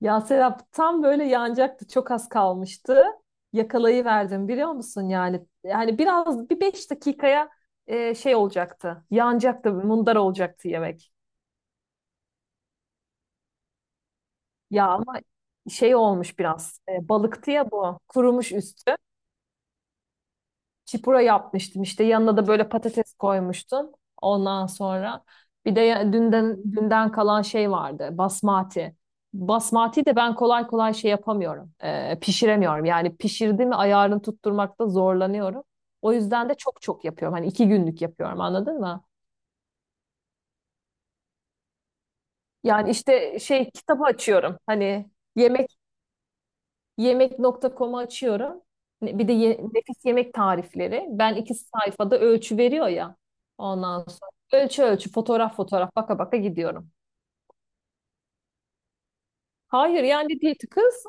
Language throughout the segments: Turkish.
Ya Serap tam böyle yanacaktı. Çok az kalmıştı. Yakalayıverdim biliyor musun yani. Yani biraz bir beş dakikaya şey olacaktı. Yanacaktı, mundar olacaktı yemek. Ya ama şey olmuş biraz. Balıktı ya bu. Kurumuş üstü. Çipura yapmıştım işte yanına da böyle patates koymuştum. Ondan sonra bir de dünden kalan şey vardı basmati. Basmati de ben kolay kolay şey yapamıyorum. Pişiremiyorum. Yani pişirdi mi ayarını tutturmakta zorlanıyorum. O yüzden de çok çok yapıyorum. Hani iki günlük yapıyorum anladın mı? Yani işte şey kitabı açıyorum. Hani yemek Yemek.com'u açıyorum. Bir de nefis yemek tarifleri. Ben iki sayfada ölçü veriyor ya. Ondan sonra ölçü ölçü fotoğraf fotoğraf baka baka gidiyorum. Hayır yani diyeti kız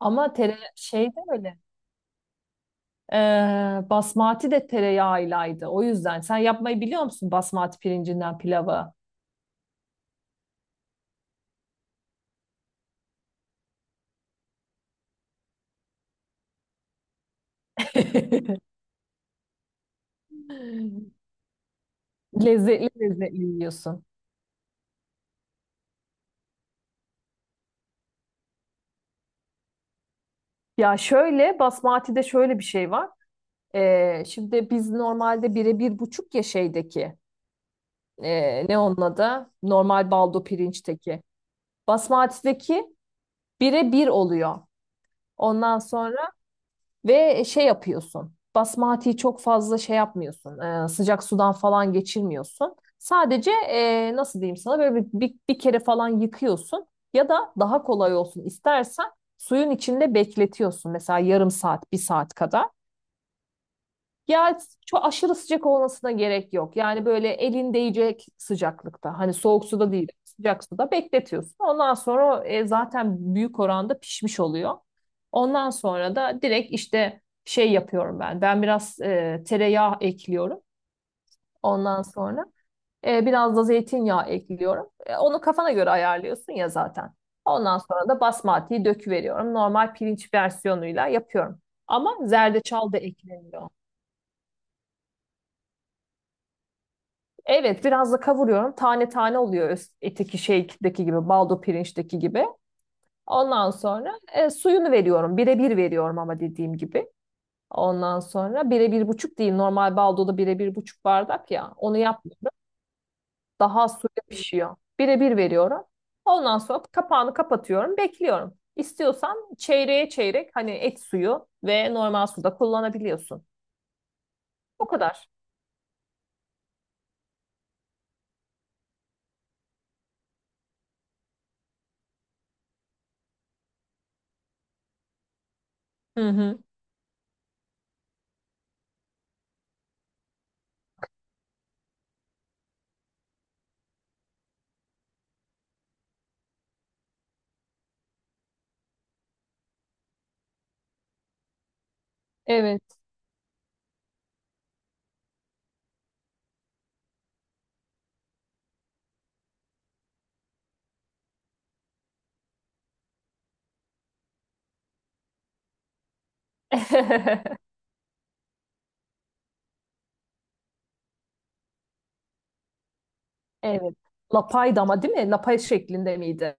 ama tere şey de öyle. Ee, basmati de tereyağıylaydı. O yüzden sen yapmayı biliyor musun basmati pirincinden pilavı? Lezzetli lezzetli yiyorsun. Ya şöyle basmati de şöyle bir şey var. Şimdi biz normalde bire bir buçuk ya şeydeki ne onun adı? Normal baldo pirinçteki. Basmati'deki bire bir oluyor. Ondan sonra ve şey yapıyorsun. Basmati'yi çok fazla şey yapmıyorsun. Sıcak sudan falan geçirmiyorsun. Sadece nasıl diyeyim sana böyle bir kere falan yıkıyorsun. Ya da daha kolay olsun istersen suyun içinde bekletiyorsun. Mesela yarım saat, bir saat kadar. Ya çok aşırı sıcak olmasına gerek yok. Yani böyle elin değecek sıcaklıkta. Hani soğuk suda değil, sıcak suda bekletiyorsun. Ondan sonra o, zaten büyük oranda pişmiş oluyor. Ondan sonra da direkt işte şey yapıyorum ben. Ben biraz tereyağı ekliyorum. Ondan sonra Biraz da zeytinyağı ekliyorum. Onu kafana göre ayarlıyorsun ya zaten. Ondan sonra da basmatiği döküveriyorum. Normal pirinç versiyonuyla yapıyorum. Ama zerdeçal da ekleniyor. Evet, biraz da kavuruyorum. Tane tane oluyor eteki şeydeki gibi, baldo pirinçteki gibi. Ondan sonra Suyunu veriyorum. Bire bir veriyorum ama dediğim gibi. Ondan sonra bire bir buçuk değil. Normal baldoda bire bir buçuk bardak ya. Onu yap. Daha az suyla pişiyor. Bire bir veriyorum. Ondan sonra kapağını kapatıyorum. Bekliyorum. İstiyorsan çeyreğe çeyrek hani et suyu ve normal suda kullanabiliyorsun. O kadar. Hı hı. Evet. Evet. Lapaydı ama değil mi? Lapay şeklinde miydi?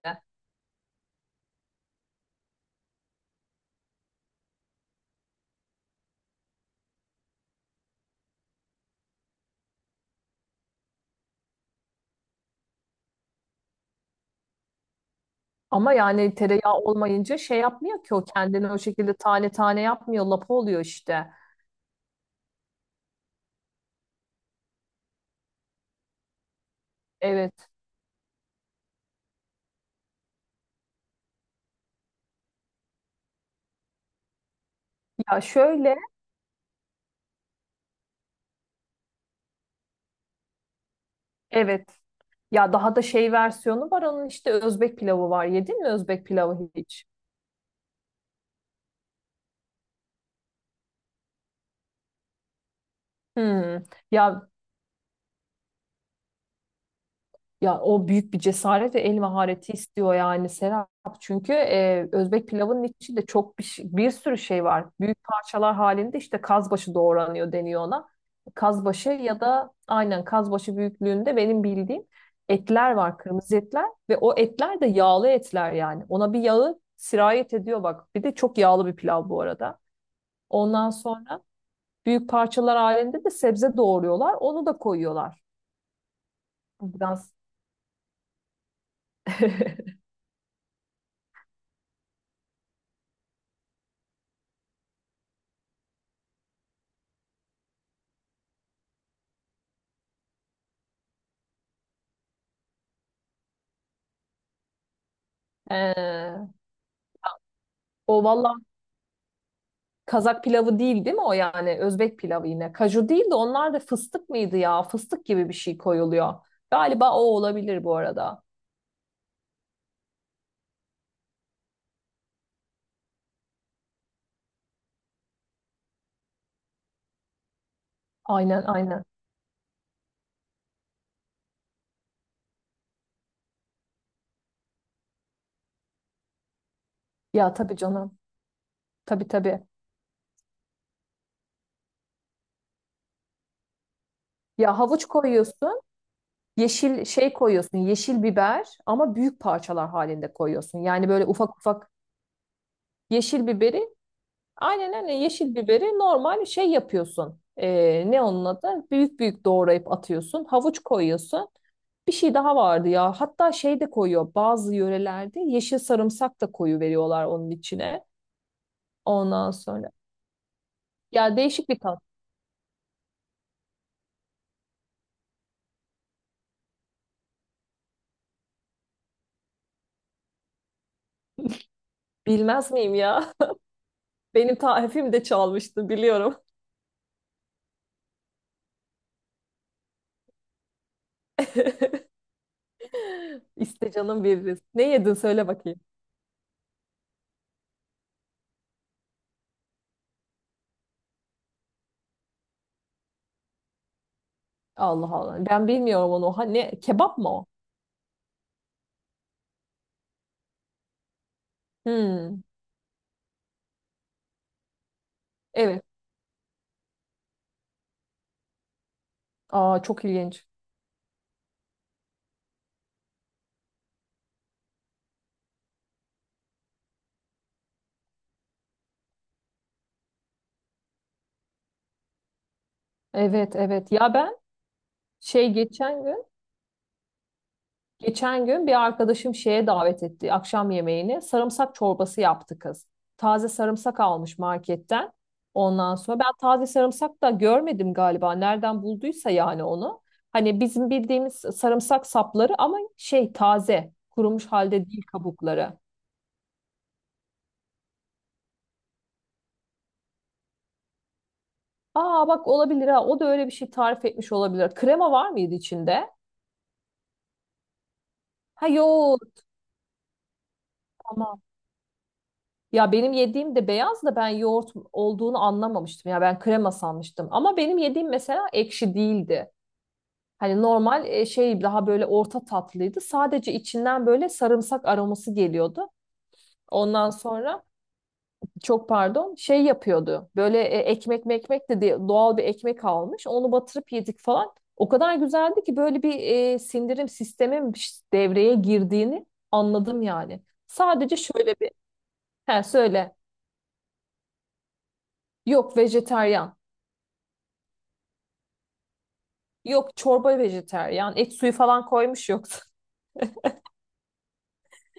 Ama yani tereyağı olmayınca şey yapmıyor ki o kendini o şekilde tane tane yapmıyor. Lapa oluyor işte. Evet. Ya şöyle. Evet. Ya daha da şey versiyonu var onun işte Özbek pilavı var. Yedin mi Özbek pilavı hiç? Hmm. Ya Ya o büyük bir cesaret ve el mahareti istiyor yani Serap. Çünkü Özbek pilavının içinde çok bir sürü şey var. Büyük parçalar halinde işte kazbaşı doğranıyor deniyor ona. Kazbaşı ya da aynen kazbaşı büyüklüğünde benim bildiğim etler var, kırmızı etler ve o etler de yağlı etler yani. Ona bir yağı sirayet ediyor bak. Bir de çok yağlı bir pilav bu arada. Ondan sonra büyük parçalar halinde de sebze doğruyorlar. Onu da koyuyorlar. Bu biraz Ee, O valla Kazak pilavı değil değil mi o yani? Özbek pilavı yine. Kaju değil de onlar da fıstık mıydı ya? Fıstık gibi bir şey koyuluyor. Galiba o olabilir bu arada. Aynen aynen. Ya tabii canım. Tabii tabii. Ya havuç koyuyorsun. Yeşil şey koyuyorsun. Yeşil biber ama büyük parçalar halinde koyuyorsun. Yani böyle ufak ufak yeşil biberi. Aynen öyle yeşil biberi normal şey yapıyorsun. Ne onun adı? Büyük büyük doğrayıp atıyorsun. Havuç koyuyorsun. Bir şey daha vardı ya. Hatta şey de koyuyor. Bazı yörelerde yeşil sarımsak da koyu veriyorlar onun içine. Ondan sonra. Ya değişik bir tat. Bilmez miyim ya? Benim tarifim de çalmıştı biliyorum. İste canım veririz. Ne yedin söyle bakayım. Allah Allah. Ben bilmiyorum onu. Ha, ne? Kebap mı o? Hmm, evet. Aa, çok ilginç. Evet evet. Ya ben Şey geçen gün bir arkadaşım şeye davet etti akşam yemeğini. Sarımsak çorbası yaptı kız. Taze sarımsak almış marketten. Ondan sonra ben taze sarımsak da görmedim galiba. Nereden bulduysa yani onu. Hani bizim bildiğimiz sarımsak sapları ama şey taze, kurumuş halde değil kabukları. Aa bak olabilir ha. O da öyle bir şey tarif etmiş olabilir. Krema var mıydı içinde? Ha yok. Tamam. Ya benim yediğim de beyaz da ben yoğurt olduğunu anlamamıştım. Ya ben krema sanmıştım. Ama benim yediğim mesela ekşi değildi. Hani normal şey daha böyle orta tatlıydı. Sadece içinden böyle sarımsak aroması geliyordu. Ondan sonra çok pardon şey yapıyordu. Böyle ekmek mekmek de diye doğal bir ekmek almış. Onu batırıp yedik falan. O kadar güzeldi ki böyle bir sindirim sistemin devreye girdiğini anladım yani. Sadece şöyle bir he söyle. Yok vejetaryen. Yok çorba vejeteryan. Et suyu falan koymuş yoksa.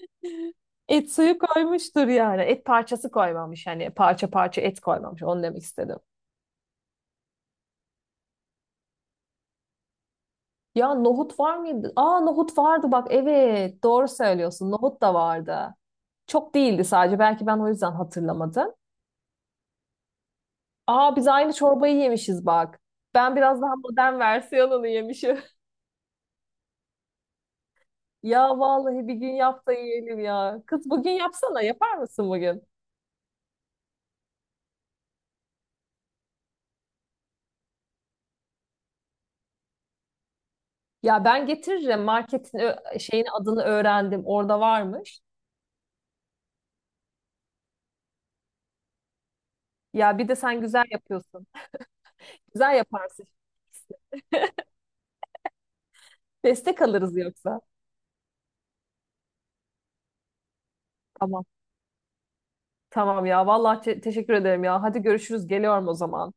Et suyu koymuştur yani. Et parçası koymamış. Hani parça parça et koymamış. Onu demek istedim. Ya nohut var mıydı? Aa nohut vardı bak. Evet doğru söylüyorsun. Nohut da vardı. Çok değildi sadece. Belki ben o yüzden hatırlamadım. Aa biz aynı çorbayı yemişiz bak. Ben biraz daha modern versiyonunu yemişim. Ya vallahi bir gün yap da yiyelim ya. Kız bugün yapsana. Yapar mısın bugün? Ya ben getiririm. Marketin şeyin adını öğrendim. Orada varmış. Ya bir de sen güzel yapıyorsun. Güzel yaparsın. Destek alırız yoksa. Tamam. Tamam ya. Vallahi teşekkür ederim ya. Hadi görüşürüz. Geliyorum o zaman.